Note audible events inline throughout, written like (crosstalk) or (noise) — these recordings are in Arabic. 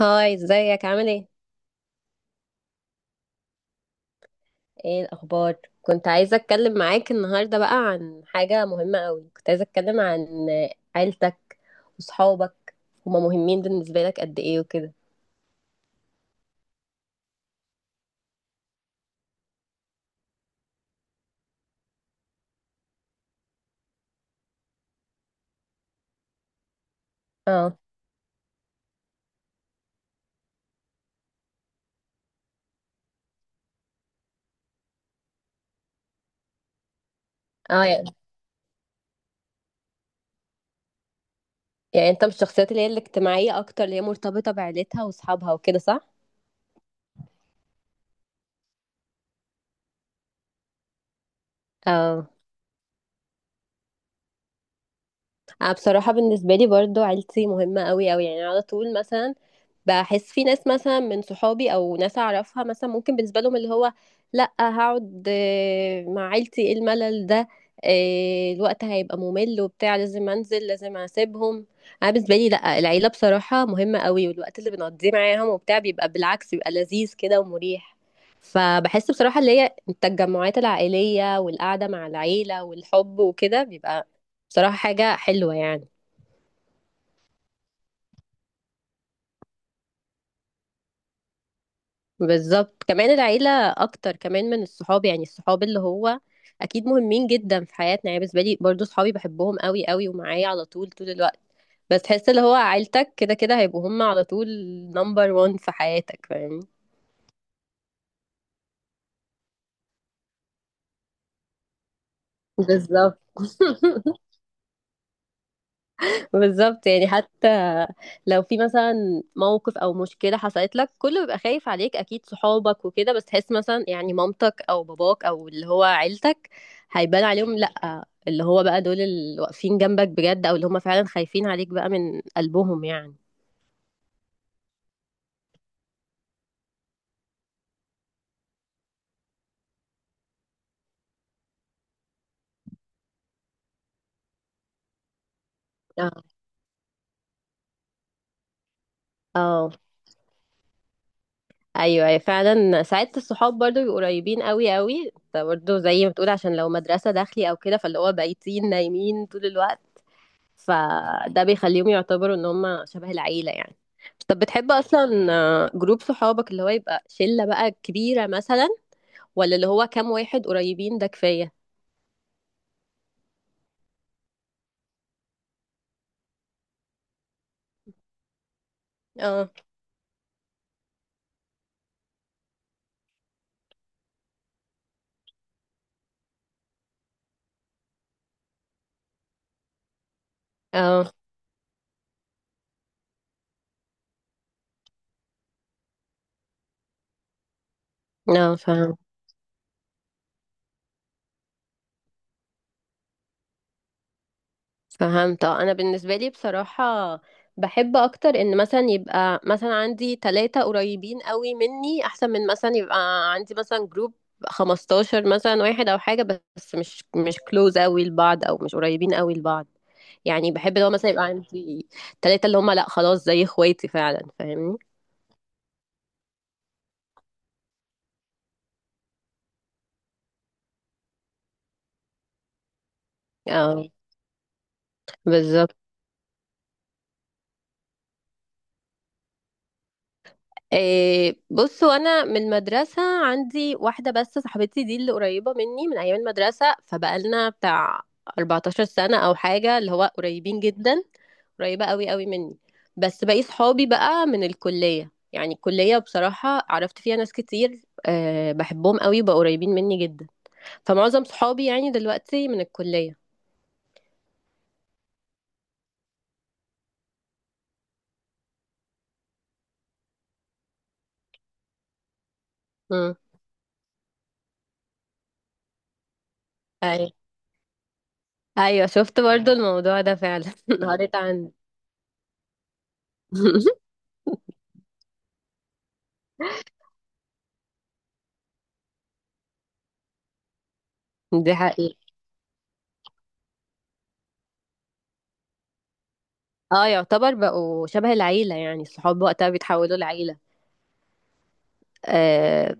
هاي، ازيك؟ عامل ايه؟ ايه الاخبار؟ كنت عايزه اتكلم معاك النهارده بقى عن حاجه مهمه قوي. كنت عايزه اتكلم عن عيلتك وصحابك. هما مهمين بالنسبه لك قد ايه وكده؟ اه. اه يعني، يعني انت من الشخصيات اللي هي الاجتماعيه اكتر، اللي هي مرتبطه بعيلتها وصحابها وكده، صح؟ اه. أنا بصراحة بالنسبة لي برضو عيلتي مهمة قوي قوي، يعني على طول مثلا بحس في ناس مثلا من صحابي او ناس اعرفها مثلا ممكن بالنسبه لهم اللي هو لا، هقعد مع عيلتي؟ ايه الملل ده؟ الوقت هيبقى ممل وبتاع، لازم انزل، لازم اسيبهم. انا بالنسبه لي لا، العيله بصراحه مهمه قوي، والوقت اللي بنقضيه معاهم وبتاع بيبقى بالعكس، بيبقى لذيذ كده ومريح. فبحس بصراحه اللي هي التجمعات العائليه والقعده مع العيله والحب وكده بيبقى بصراحة حاجة حلوة يعني. بالظبط، كمان العيلة أكتر كمان من الصحاب. يعني الصحاب اللي هو أكيد مهمين جدا في حياتنا، يعني بالنسبة لي برضو صحابي بحبهم قوي قوي ومعايا على طول طول الوقت، بس تحس اللي هو عيلتك كده كده هيبقوا هم على طول نمبر وان في حياتك، فاهمني؟ بالظبط. (laughs) بالظبط يعني حتى لو في مثلا موقف او مشكله حصلت لك، كله بيبقى خايف عليك، اكيد صحابك وكده، بس تحس مثلا يعني مامتك او باباك او اللي هو عيلتك هيبان عليهم. لا اللي هو بقى دول اللي واقفين جنبك بجد، او اللي هم فعلا خايفين عليك بقى من قلبهم يعني. اه. اه. ايوه أيوة، فعلا ساعات الصحاب برضو بيبقوا قريبين قوي قوي، انت برضو زي ما بتقول عشان لو مدرسه داخلي او كده، فاللي هو بايتين نايمين طول الوقت، فده بيخليهم يعتبروا ان هم شبه العيلة يعني. طب بتحب اصلا جروب صحابك اللي هو يبقى شلة بقى كبيرة مثلا، ولا اللي هو كام واحد قريبين ده كفاية؟ اه. اه. اه فاهم. فهمت. اه انا بالنسبه لي بصراحه بحب اكتر ان مثلا يبقى مثلا عندي ثلاثة قريبين قوي مني، احسن من مثلا يبقى عندي مثلا جروب 15 مثلا واحد او حاجه، بس مش كلوز قوي لبعض او مش قريبين قوي لبعض. يعني بحب لو مثلا يبقى عندي ثلاثة اللي هم لا خلاص زي اخواتي، فعلا فاهمني؟ اه. بالظبط. إيه بصوا، انا من مدرسه عندي واحده بس صاحبتي دي، اللي قريبه مني من ايام المدرسه، فبقالنا بتاع 14 سنة سنه او حاجه، اللي هو قريبين جدا، قريبه قوي قوي مني. بس باقي صحابي بقى من الكليه، يعني الكليه بصراحه عرفت فيها ناس كتير أه، بحبهم قوي، بقوا قريبين مني جدا. فمعظم صحابي يعني دلوقتي من الكليه. امم ايوه. ايوه شفت برضو الموضوع ده فعلا (laughs) قريت عنه. (laughs) دي حقيقة. اه، يعتبر بقوا شبه العيلة يعني، الصحاب وقتها بيتحولوا لعيلة. اه.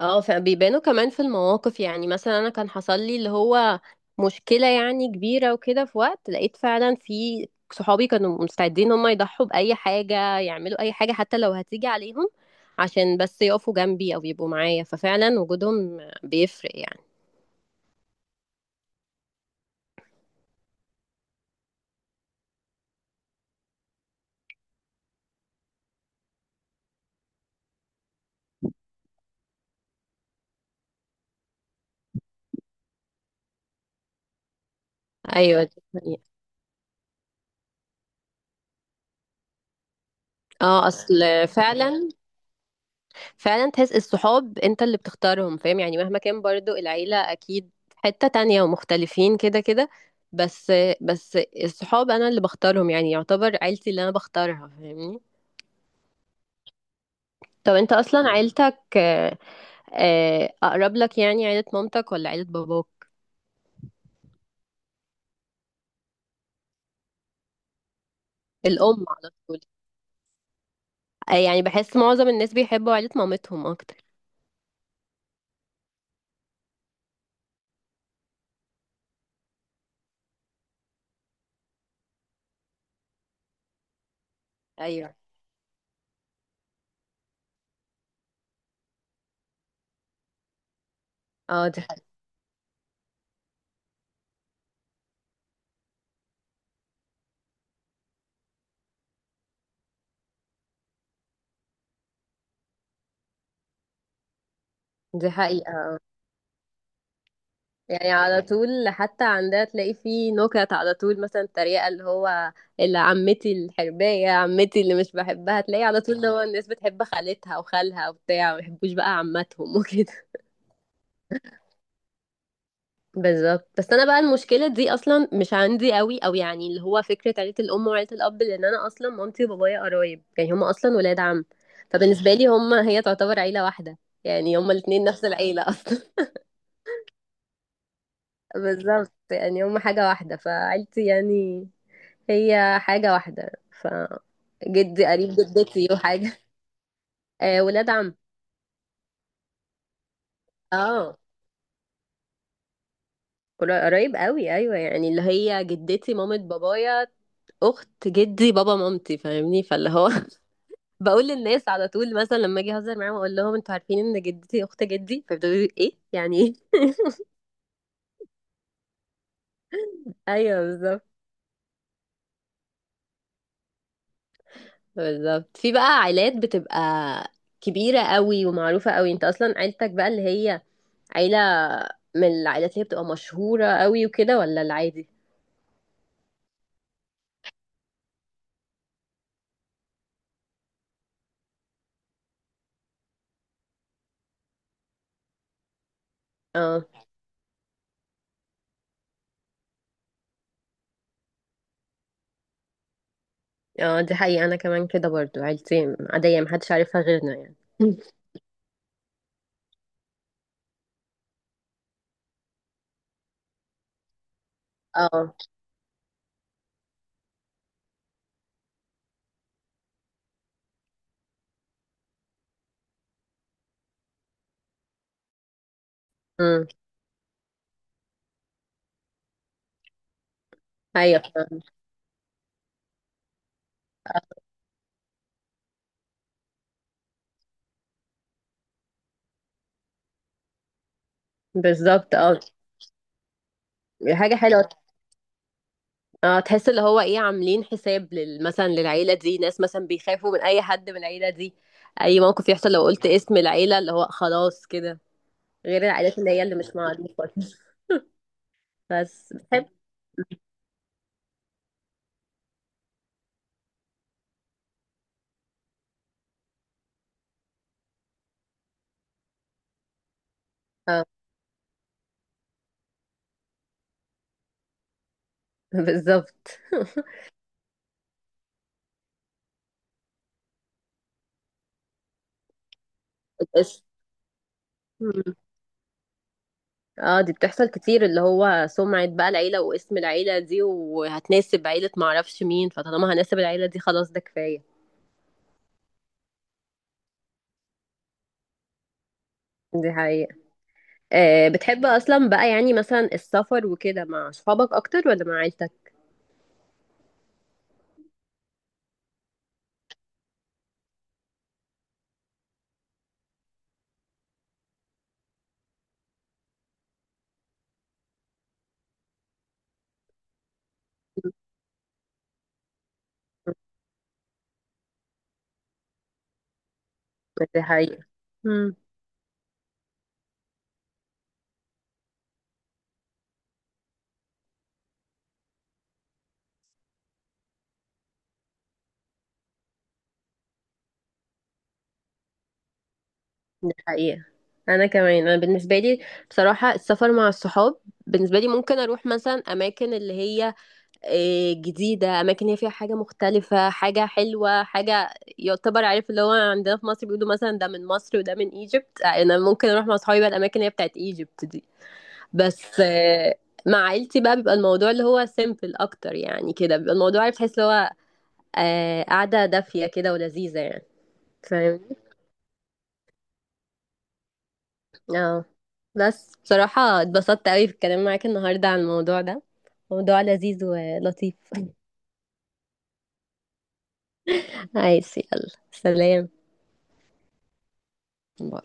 فبيبانوا كمان في المواقف. يعني مثلا انا كان حصل لي اللي هو مشكلة يعني كبيرة وكده، في وقت لقيت فعلا في صحابي كانوا مستعدين هم يضحوا بأي حاجة، يعملوا أي حاجة حتى لو هتيجي عليهم، عشان بس يقفوا جنبي أو يبقوا معايا، ففعلا وجودهم بيفرق يعني. أيوة دي حقيقة. اه أصل. فعلا. فعلا تحس الصحاب انت اللي بتختارهم، فاهم يعني؟ مهما كان برضو العيلة اكيد حتة تانية ومختلفين كده كده، بس بس الصحاب انا اللي بختارهم، يعني يعتبر عيلتي اللي انا بختارها، فاهمني؟ طب انت اصلا عيلتك اقرب لك يعني، عيلة مامتك ولا عيلة باباك؟ الام على طول. يعني بحس معظم الناس بيحبوا عيلة مامتهم اكتر. ايوه. اه دي حقيقة. دي حقيقة، يعني على طول حتى عندها تلاقي فيه نكت على طول، مثلا تريقة اللي هو اللي عمتي الحرباية، عمتي اللي مش بحبها، تلاقي على طول اللي هو الناس بتحب خالتها وخالها وبتاع، ما يحبوش بقى عماتهم (laughs) وكده. بالظبط، بس انا بقى المشكلة دي اصلا مش عندي قوي، او يعني اللي هو فكرة عيلة الام وعيلة الاب، لان انا اصلا مامتي وبابايا قرايب، يعني هما اصلا ولاد عم، فبالنسبة لي هما هي تعتبر عيلة واحدة، يعني هما الاتنين نفس العيلة اصلا. بالظبط، يعني هم حاجة واحدة، فعيلتي يعني هي حاجة واحدة. ف جدي قريب جدتي وحاجة. (laughs) آه، ولاد عم. اه قريب قوي، ايوه، يعني اللي هي جدتي مامة بابايا اخت جدي بابا مامتي، فاهمني؟ فاللي هو (laughs) بقول للناس على طول مثلا لما اجي اهزر معاهم اقول لهم: انتوا عارفين ان جدتي اخت جدي؟ فيبداوا يقولوا: ايه يعني؟ ايه؟ (laughs) ايوه بالظبط. بالظبط. في بقى عائلات بتبقى كبيرة قوي ومعروفة قوي، انت اصلا عيلتك بقى اللي هي عيلة من العائلات اللي هي بتبقى مشهورة قوي وكده، ولا العادي؟ اه. اه دي حقيقة، انا كمان كده، برضو عيلتي عادية محدش عارفها غيرنا يعني. (laughs) اه. امم ايوه فاهمة. بالظبط. اه حاجة حلوة. اه تحس اللي هو ايه، عاملين حساب مثلا للعيلة دي، ناس مثلا بيخافوا من اي حد من العيلة دي، اي موقف يحصل لو قلت اسم العيلة اللي هو خلاص كده. غير العائلات اللي هي اللي مش معروفة. (laughs) بس بحب. اه. بالظبط. (laughs) الاسم. اه دي بتحصل كتير، اللي هو سمعة بقى العيلة واسم العيلة دي، وهتناسب عيلة معرفش مين، فطالما هناسب العيلة دي خلاص ده كفاية. دي حقيقة. آه، بتحب اصلا بقى يعني مثلا السفر وكده مع صحابك اكتر ولا مع عيلتك؟ (laughs) دي حقيقة. مم. دي حقيقة. أنا كمان، أنا بالنسبة لي بصراحة السفر مع الصحاب، بالنسبة لي ممكن أروح مثلا أماكن اللي هي جديدة، أماكن هي فيها حاجة مختلفة، حاجة حلوة، حاجة يعتبر عارف اللي هو عندنا في مصر بيقولوا مثلا ده من مصر وده من ايجيبت، أنا ممكن أروح مع أصحابي بقى الأماكن اللي هي بتاعت ايجيبت دي. بس مع عيلتي بقى بيبقى الموضوع اللي هو سيمبل أكتر، يعني كده بيبقى الموضوع عارف، تحس اللي هو قعدة دافية كده ولذيذة يعني، فاهمني؟ اه. بس بصراحة اتبسطت قوي في الكلام معاك النهاردة عن الموضوع ده، موضوع لذيذ ولطيف. (laughs) عايز يلا سلام. باي.